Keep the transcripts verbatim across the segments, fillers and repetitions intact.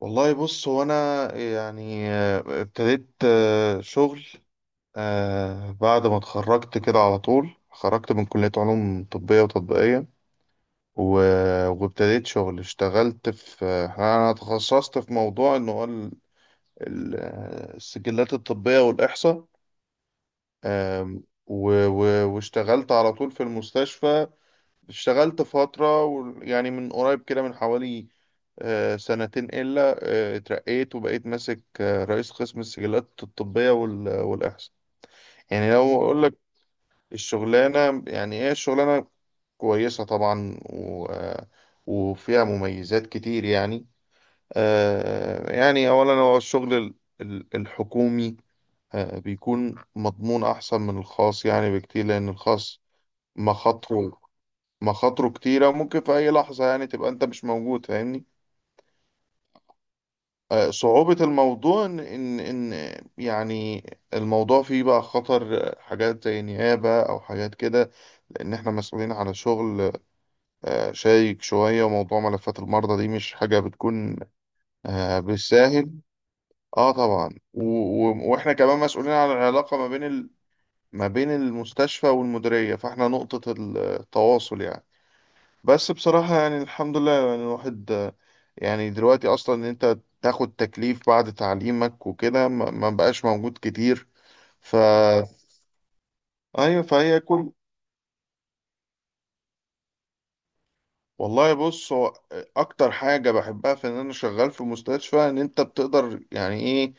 والله بص. هو انا يعني آه، ابتديت آه، شغل آه، بعد ما اتخرجت كده على طول، خرجت من كلية علوم طبية وتطبيقية، و- وابتديت شغل، اشتغلت في آه، انا تخصصت في موضوع انه هو ال- ال- آه، السجلات الطبية والإحصاء. آم، و- و- واشتغلت على طول في المستشفى. اشتغلت فترة و- يعني من قريب كده، من حوالي آه، سنتين إلا، آه، اترقيت وبقيت ماسك آه، رئيس قسم السجلات الطبية وال- والإحصاء. يعني لو أقول لك الشغلانة يعني إيه الشغلانة، كويسة طبعا، و آه، وفيها مميزات كتير يعني. آه، يعني أولا هو الشغل ال- ال- الحكومي آه، بيكون مضمون أحسن من الخاص يعني بكتير، لأن الخاص مخاطره مخاطره كتيرة، ممكن في أي لحظة يعني تبقى أنت مش موجود، فاهمني. آه، صعوبة الموضوع إن إن إن يعني الموضوع فيه بقى خطر، آه، حاجات زي نيابة أو حاجات كده، لأن إحنا مسؤولين على شغل آه، شايك شوية، وموضوع ملفات المرضى دي مش حاجة بتكون آه، بالساهل. أه طبعا، و- و- وإحنا كمان مسؤولين على العلاقة ما بين ال ما بين المستشفى والمديرية، فإحنا نقطة التواصل يعني. بس بصراحة يعني الحمد لله. يعني الواحد آه، يعني دلوقتي أصلا إن أنت تاخد تكليف بعد تعليمك وكده ما ما بقاش موجود كتير. ف أيوة، فهي كل. والله بص. هو أكتر حاجة بحبها في إن أنا شغال في مستشفى، إن أنت بتقدر يعني إيه،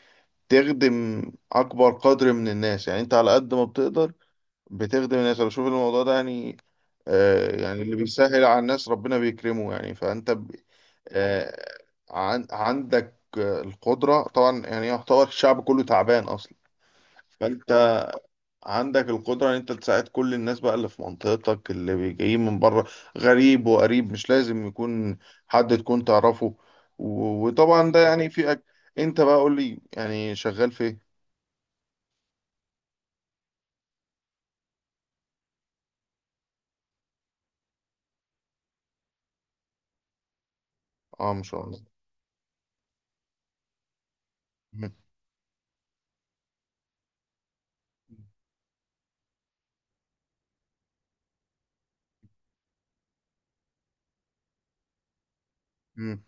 تخدم أكبر قدر من الناس. يعني أنت على قد ما بتقدر بتخدم الناس. انا بشوف الموضوع ده يعني آه يعني اللي بيسهل على الناس ربنا بيكرمه يعني. فانت ب... آه عن... عندك آه، القدرة طبعا. يعني يعتبر الشعب كله تعبان اصلا. فانت عندك القدرة ان انت تساعد كل الناس بقى، اللي في منطقتك، اللي بي- جايين من بره، غريب وقريب، مش لازم يكون حد تكون تعرفه. و... وطبعا ده يعني في أج... انت بقى قول لي يعني شغال في ايه. اه، ما شاء الله. مم. مم.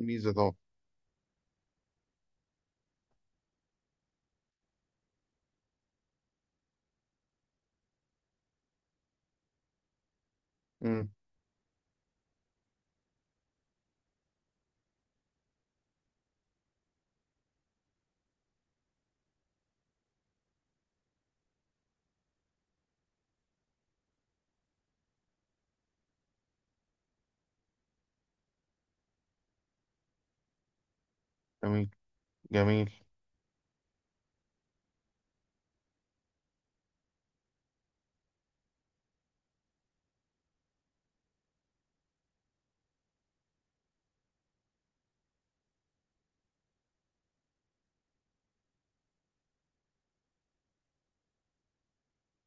ميزة طبعا. مم. جميل. جميل.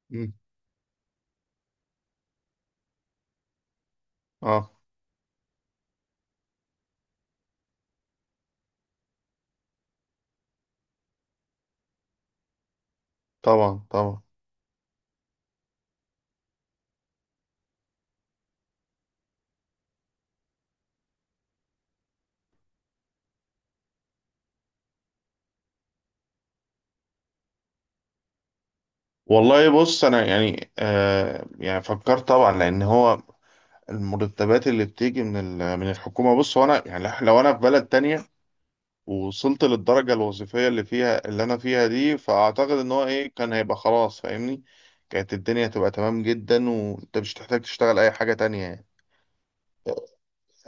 مم. اه. طبعا. طبعا. والله بص. انا يعني آه يعني فكرت طبعا، لان هو المرتبات اللي بتيجي من ال- من الحكومه. بص هو انا يعني لو انا في بلد تانية ووصلت للدرجه الوظيفيه اللي فيها، اللي انا فيها دي، فاعتقد ان هو ايه كان هيبقى خلاص، فاهمني. كانت الدنيا هتبقى تمام جدا وانت مش هتحتاج تشتغل اي حاجه تانية يعني.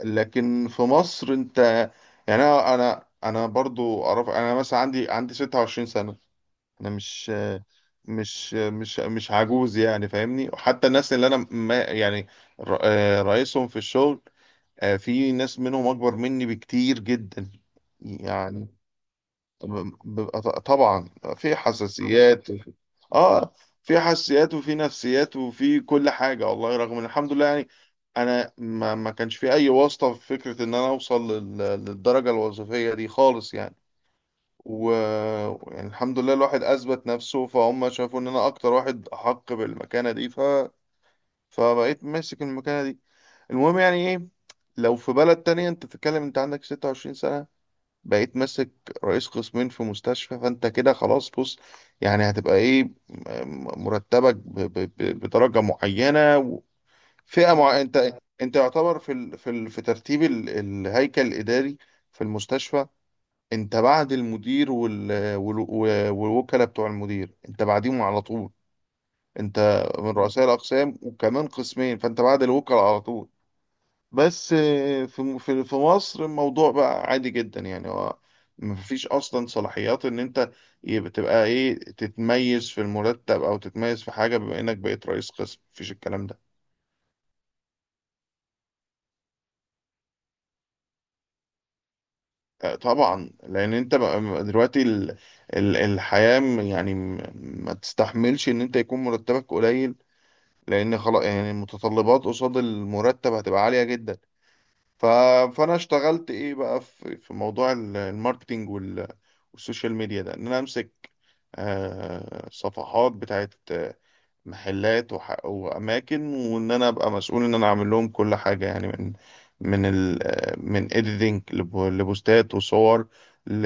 لكن في مصر انت يعني انا انا أنا برضو اعرف. انا مثلا عندي عندي ستة وعشرين سنة سنه. انا مش مش مش مش عجوز يعني فاهمني. حتى الناس اللي انا ما يعني ر- آه، رئيسهم في الشغل، آه، في ناس منهم اكبر مني بكتير جدا يعني. ب- بيبقى ط- طبعا في حساسيات. اه، في حساسيات وفي نفسيات وفي كل حاجة. والله رغم ان الحمد لله، يعني انا ما ما كانش في اي واسطة، في فكرة ان انا اوصل لل- للدرجة الوظيفية دي خالص يعني. و يعني الحمد لله الواحد اثبت نفسه، فهم شافوا ان انا اكتر واحد احق بالمكانه دي. ف... فبقيت ماسك المكانه دي. المهم يعني ايه، لو في بلد تانية انت تتكلم، انت عندك ستة وعشرين سنة سنه، بقيت ماسك رئيس قسمين في مستشفى، فانت كده خلاص بص. يعني هتبقى ايه م- م- مرتبك ب... ب... ب- بدرجه معينه وفئه مع... انت انت يعتبر في ال... في ال... في ترتيب ال... الهيكل الاداري في المستشفى. انت بعد المدير وال... وال... و- والوكلاء بتوع المدير، انت بعديهم على طول. انت من رؤساء الاقسام، وكمان قسمين، فانت بعد الوكلاء على طول. بس آه، في م- في في مصر الموضوع بقى عادي جدا يعني. هو مفيش اصلا صلاحيات ان انت يبقى تبقى ايه، تتميز في المرتب او تتميز في حاجه بما انك بقيت رئيس قسم، مفيش الكلام ده. آه، طبعا لان انت بقى دلوقتي ال... ال- الحياه م- يعني م- ما تستحملش ان انت يكون مرتبك قليل، لان خلاص يعني المتطلبات قصاد المرتب هتبقى عالية جدا. ف... فانا اشتغلت ايه بقى في, في موضوع ال- الماركتينج وال... والسوشيال ميديا ده، ان انا امسك آه، صفحات بتاعت محلات وح... واماكن، وان انا ابقى مسؤول ان انا اعمل لهم كل حاجه يعني، من من ال... من اديتنج لبوستات وصور ل...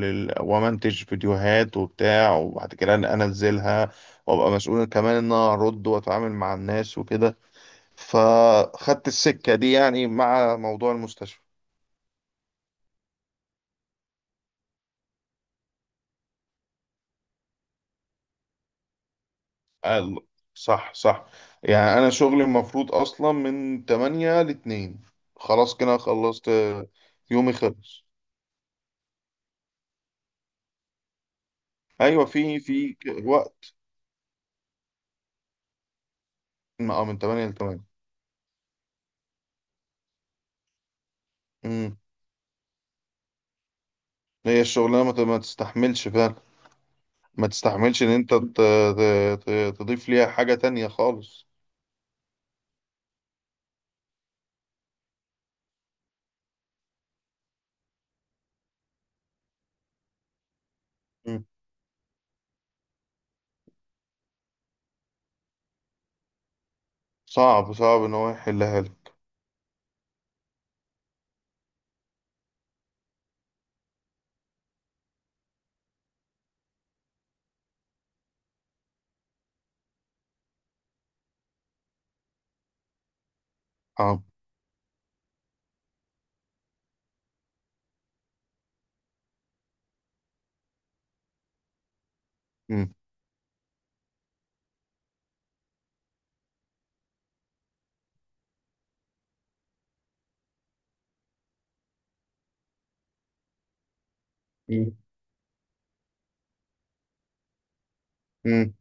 لل... ومنتج فيديوهات وبتاع، وبعد كده انا انزلها وابقى مسؤول كمان ان انا ارد واتعامل مع الناس وكده. فخدت السكه دي يعني مع موضوع المستشفى. قال- صح، صح. يعني انا شغلي المفروض اصلا من تمانية ل اتنين، خلاص كده خلصت يومي خلص. ايوه، في في ك- وقت. من اه من تمانية ل تمانية. امم هي الشغلانه ما ت- ما تستحملش فعلا. ما تستحملش ان انت ت- ت- ت- تضيف ليها حاجه تانية خالص. مم. صعب، صعب ان هو يحلها لك. صعب. مم. مم. مم.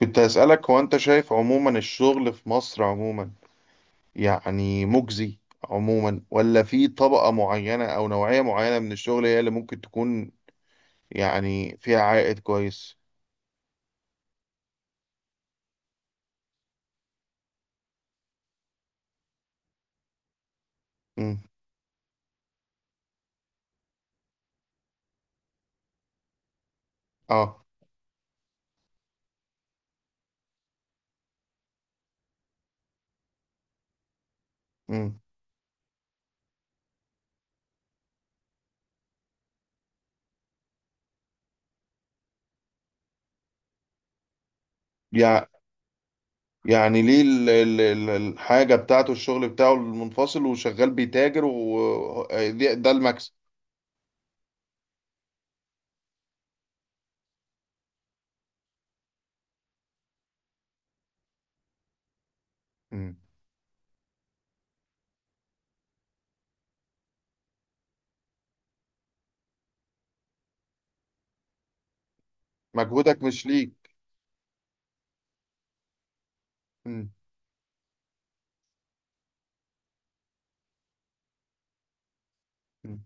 كنت هسألك، هو انت شايف عموما الشغل في مصر عموما، يعني مجزي عموما، ولا في طبقه معينه او نوعيه معينه من الشغل هي اللي ممكن تكون يعني فيها عائد كويس؟ مم. اه. مم. يعني ليه ال- ال- ال- الحاجة بتاعته الشغل بتاعه المنفصل، وشغال بيتاجر، وده ده المكسب. مم. مجهودك مش ليك. مم. مم.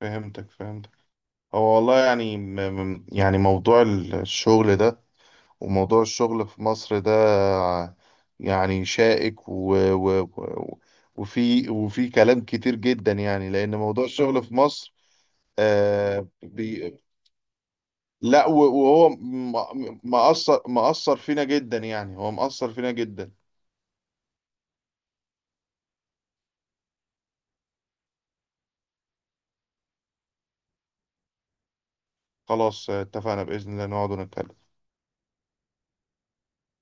فهمتك، فهمتك. هو والله يعني م- م- يعني موضوع الشغل ده، وموضوع الشغل في مصر ده، يعني شائك و و و- وفي وفي كلام كتير جدا يعني، لأن موضوع الشغل في مصر آه لا، و- وهو م- مأثر مأثر فينا جدا يعني. هو مأثر فينا جدا. خلاص، اتفقنا. بإذن الله نقعد ونتكلم.